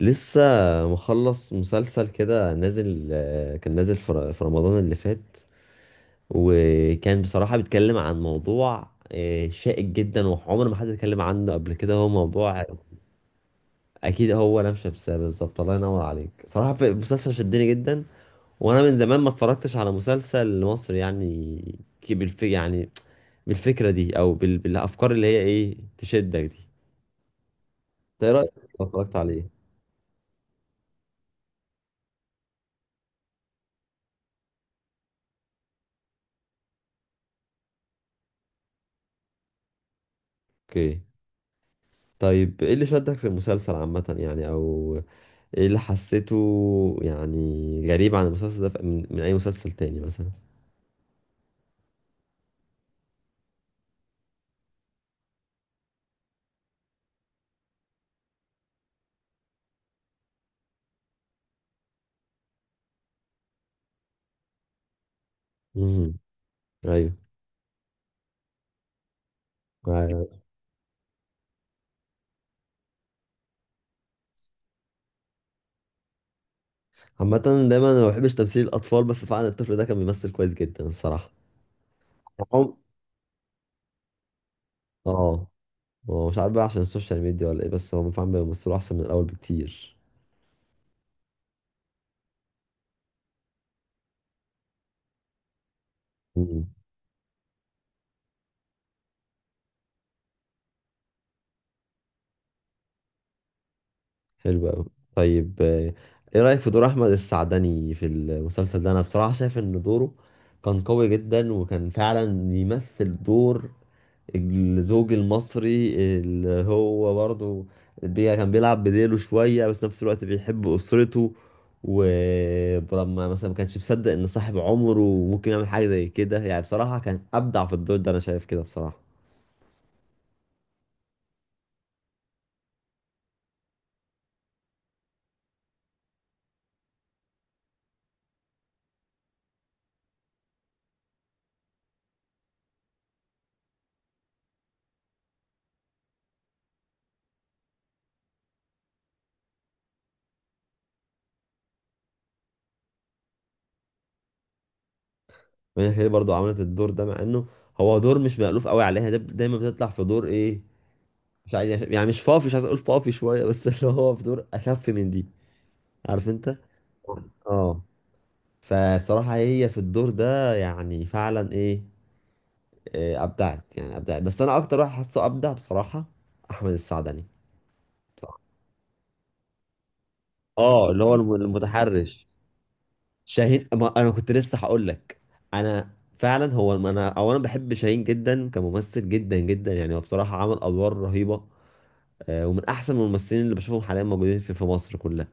لسه مخلص مسلسل كده نازل، كان نازل في رمضان اللي فات. وكان بصراحة بيتكلم عن موضوع شائك جدا وعمر ما حد اتكلم عنه قبل كده. هو موضوع اكيد هو لام شمسية بالظبط. الله ينور عليك. صراحة في مسلسل شدني جدا، وانا من زمان ما اتفرجتش على مسلسل مصري، يعني بالف يعني بالفكرة دي او بالافكار اللي هي ايه تشدك دي. انت ايه رأيك لو اتفرجت عليه؟ اوكي. طيب ايه اللي شدك في المسلسل عامة يعني، او ايه اللي حسيته يعني غريب عن المسلسل ده من اي مسلسل تاني مثلا؟ امم. ايوه. آه. عامة دايما انا ما بحبش تمثيل الاطفال، بس فعلا الطفل ده كان بيمثل كويس جدا الصراحة. هم. اه، هو مش عارف بقى عشان السوشيال ميديا ولا ايه، بس هم فعلا بيمثلوا احسن من الاول بكتير. امم. حلو قوي. طيب، ايه رأيك في دور احمد السعدني في المسلسل ده؟ انا بصراحة شايف ان دوره كان قوي جدا، وكان فعلا بيمثل دور الزوج المصري اللي هو برضه كان بيلعب بديله شوية، بس نفس الوقت بيحب أسرته. ولما مثلا ما كانش مصدق إن صاحب عمره ممكن يعمل حاجة زي كده، يعني بصراحة كان أبدع في الدور ده، أنا شايف كده بصراحة. وهي خليل برضه عملت الدور ده مع إنه هو دور مش مألوف قوي عليها. ده دايما بتطلع في دور إيه، مش عايز يعني مش فافي، مش عايز أقول فافي شوية بس اللي هو في دور أخف من دي. عارف أنت؟ اه. فبصراحة هي في الدور ده يعني فعلا ايه، ابدعت يعني ابدعت. بس انا اكتر واحد حاسه ابدع بصراحه احمد السعدني. بصراحة. اه، اللي هو المتحرش شاهين. ما انا كنت لسه هقول لك انا. فعلا هو، ما انا او انا بحب شاهين جدا كممثل، جدا جدا يعني. هو بصراحه عمل ادوار رهيبه، ومن احسن الممثلين اللي بشوفهم حاليا موجودين في مصر كلها.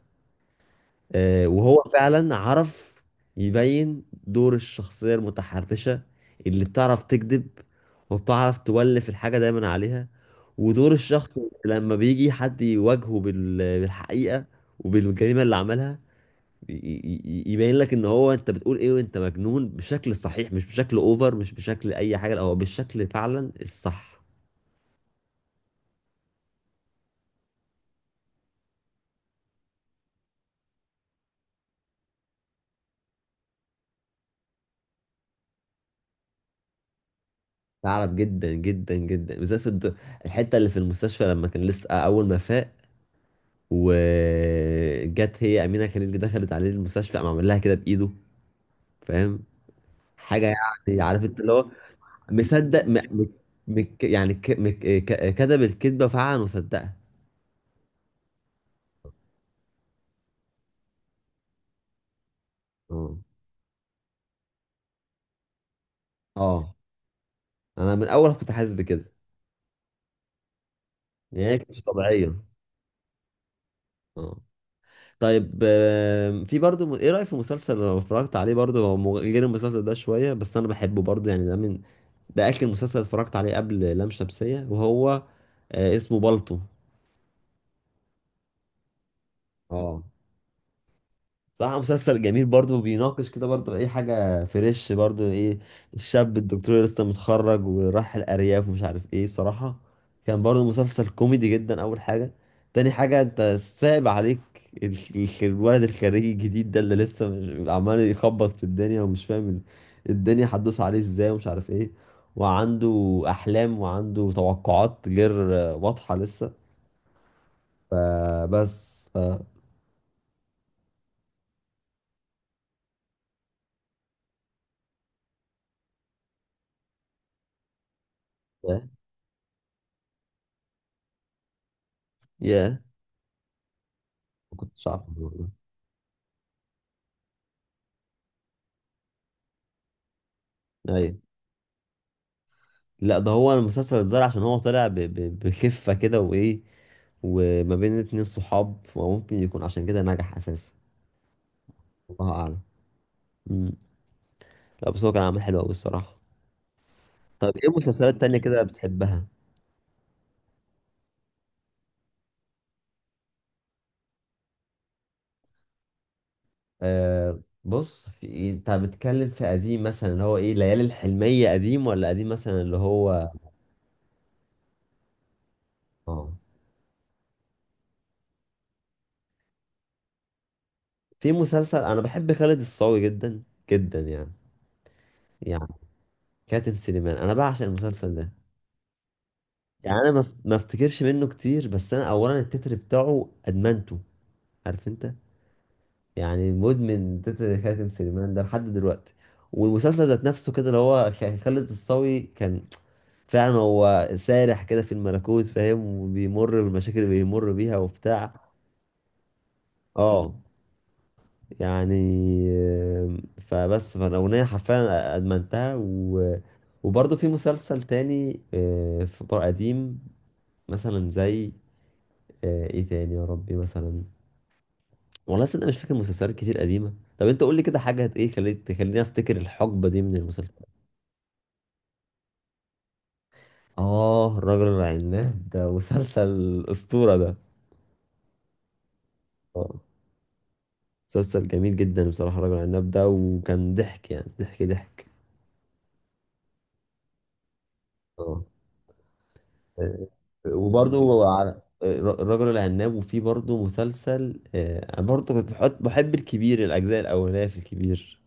وهو فعلا عرف يبين دور الشخصية المتحرشة اللي بتعرف تكذب وبتعرف تولف الحاجة دايما عليها. ودور الشخص لما بيجي حد يواجهه بالحقيقة وبالجريمة اللي عملها، ي- يبين لك ان هو، انت بتقول ايه وانت مجنون، بشكل صحيح، مش بشكل اوفر، مش بشكل اي حاجة، لا هو بالشكل فعلا الصح. تعرف جدا جدا جدا، بالذات في الحتة اللي في المستشفى لما كان لسه اول ما فاق وجت هي امينه خليل دخلت عليه المستشفى، قام عمل لها كده بايده. فاهم حاجه؟ يعني عارف انت، اللي هو مصدق م... م... مك... يعني ك... مك... ك... كذب الكذبه فعلا وصدقها. اه. اه، انا من اول كنت حاسس بكده، يعني هي كانت مش طبيعيه. اه. طيب في برضو ايه رايك في مسلسل انا اتفرجت عليه برضو؟ هو غير المسلسل ده شويه، بس انا بحبه برضو يعني. ده من، ده اخر مسلسل اتفرجت عليه قبل لام شمسية، وهو اسمه بالطو. اه. صراحة مسلسل جميل برضو، بيناقش كده برضو اي حاجة فريش برضو. ايه، الشاب الدكتور اللي لسه متخرج وراح الارياف ومش عارف ايه. صراحة كان برضو مسلسل كوميدي جدا اول حاجة. تاني حاجة، انت صعب عليك الولد الخريج الجديد ده اللي لسه عمال يخبط في الدنيا ومش فاهم الدنيا هتدوس عليه ازاي ومش عارف ايه، وعنده احلام وعنده توقعات غير واضحة لسه. فبس ف. ياه، ما كنتش عارف الموضوع ده. ايوه. لا ده هو المسلسل اتزرع عشان هو طلع بخفة كده وايه، وما بين اتنين صحاب، وممكن يكون عشان كده نجح اساسا. الله اعلم. مم. لا بس هو كان عامل حلو قوي الصراحة. طب ايه مسلسلات تانية كده بتحبها؟ آه، بص، في انت بتتكلم في قديم مثلا اللي هو ايه ليالي الحلمية قديم، ولا قديم مثلا اللي هو؟ اه، في مسلسل، انا بحب خالد الصاوي جدا جدا يعني، يعني كاتب سليمان انا بعشق المسلسل ده. يعني انا ما افتكرش منه كتير، بس انا اولا التتر بتاعه ادمنته. عارف انت، يعني مدمن تتر خاتم سليمان ده لحد دلوقتي. والمسلسل ذات نفسه كده، اللي هو خالد الصاوي كان فعلا هو سارح كده في الملكوت، فاهم، وبيمر بالمشاكل اللي بيمر بيها وبتاع. اه. يعني فبس فالاغنيه حرفيا ادمنتها و... وبرضه في مسلسل تاني في قديم، مثلا زي، ايه تاني يا ربي مثلا؟ والله صدق مش فاكر مسلسلات كتير قديمة. طب انت قول لي كده حاجة ايه خليت تخليني افتكر الحقبة دي من المسلسلات. اه، الرجل العناب، ده مسلسل أسطورة ده. اه، مسلسل جميل جدا بصراحة الرجل العناب ده، وكان ضحك يعني ضحك ضحك. اه. آه، وبرضو على- آه، الرجل العناب. وفي برضو مسلسل، انا برضو كنت بحب الكبير، الأجزاء الأولانية في الكبير.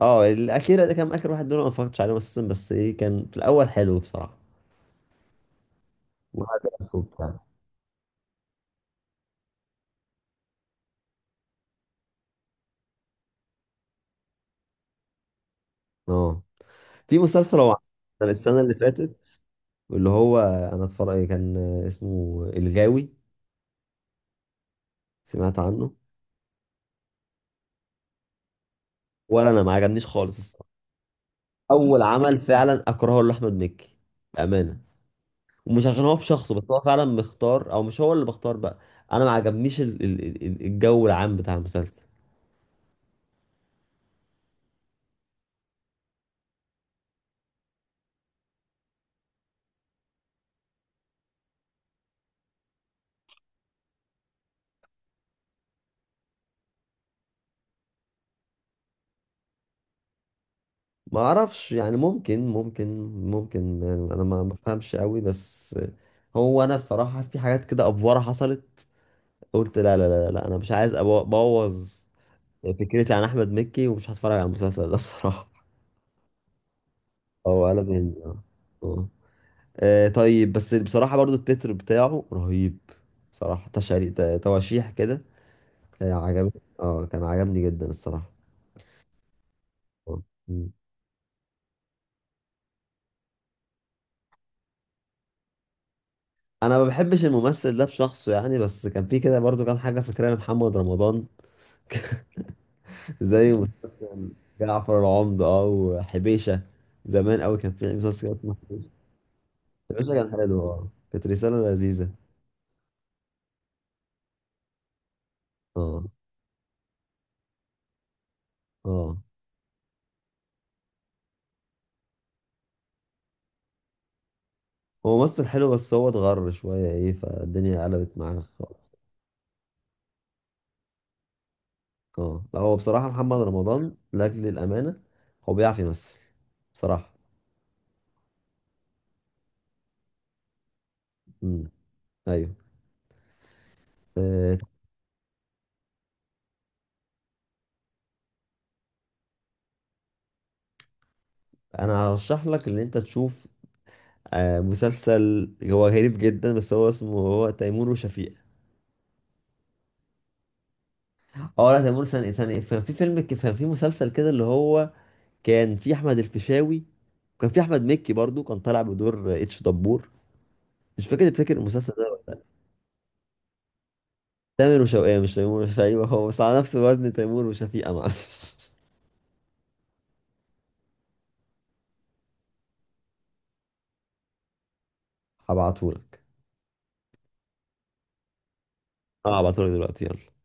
اه، الأخيرة ده كان آخر واحد، دول أنا ما اتفرجتش عليه أساسا، بس ايه كان في الأول حلو بصراحة. وهذا الصوت بتاعه. اه، في مسلسل هو عمل السنة اللي فاتت، اللي هو أنا اتفرج كان اسمه الغاوي، سمعت عنه؟ ولا أنا ما عجبنيش خالص الصراحة. أول عمل فعلا أكرهه لأحمد مكي بأمانة. ومش عشان هو بشخصه، بس هو فعلا مختار، أو مش هو اللي بختار بقى. أنا ما عجبنيش الجو العام بتاع المسلسل. ما أعرفش يعني، ممكن، ممكن، ممكن يعني. أنا ما بفهمش قوي، بس هو أنا بصراحة في حاجات كده أفوارة حصلت قلت لا لا لا لا، أنا مش عايز أبوظ يعني فكرتي عن احمد مكي، ومش هتفرج على المسلسل ده بصراحه. هو قلب هندي، اه. آه. طيب بس بصراحه برضو التتر بتاعه رهيب بصراحه، تشاري تواشيح كده، عجبني. اه، كان عجبني جدا الصراحه. آه. مم. انا ما بحبش الممثل ده بشخصه يعني، بس كان في كده برضو كام حاجه فاكرها لمحمد رمضان زي مسلسل جعفر العمدة، اه، وحبيشه. زمان قوي كان في مسلسل كده اسمه حبيشه. حبيشة كان حلو، اه كانت رساله لذيذه. اه. اه، هو ممثل حلو، بس هو اتغر شوية ايه، فالدنيا قلبت معاه خالص. اه، لا هو بصراحة محمد رمضان لأجل الأمانة هو بيعرف يمثل، بصراحة. امم. ايوه. آه. انا هرشح لك ان انت تشوف مسلسل هو غريب جدا، بس هو اسمه، هو تيمور وشفيقة. اه لا تيمور، سنة كان في فيلم، كان في مسلسل كده اللي هو كان في احمد الفيشاوي، وكان في احمد مكي برضو كان طالع بدور اتش دبور. مش فاكر، تفتكر المسلسل ده؟ تامر وشوقية، مش تيمور وشفيقة. ايوه هو، بس على نفس وزن تيمور وشفيقة، معلش. هبعتهولك. اه هبعتهولك دلوقتي، يلا.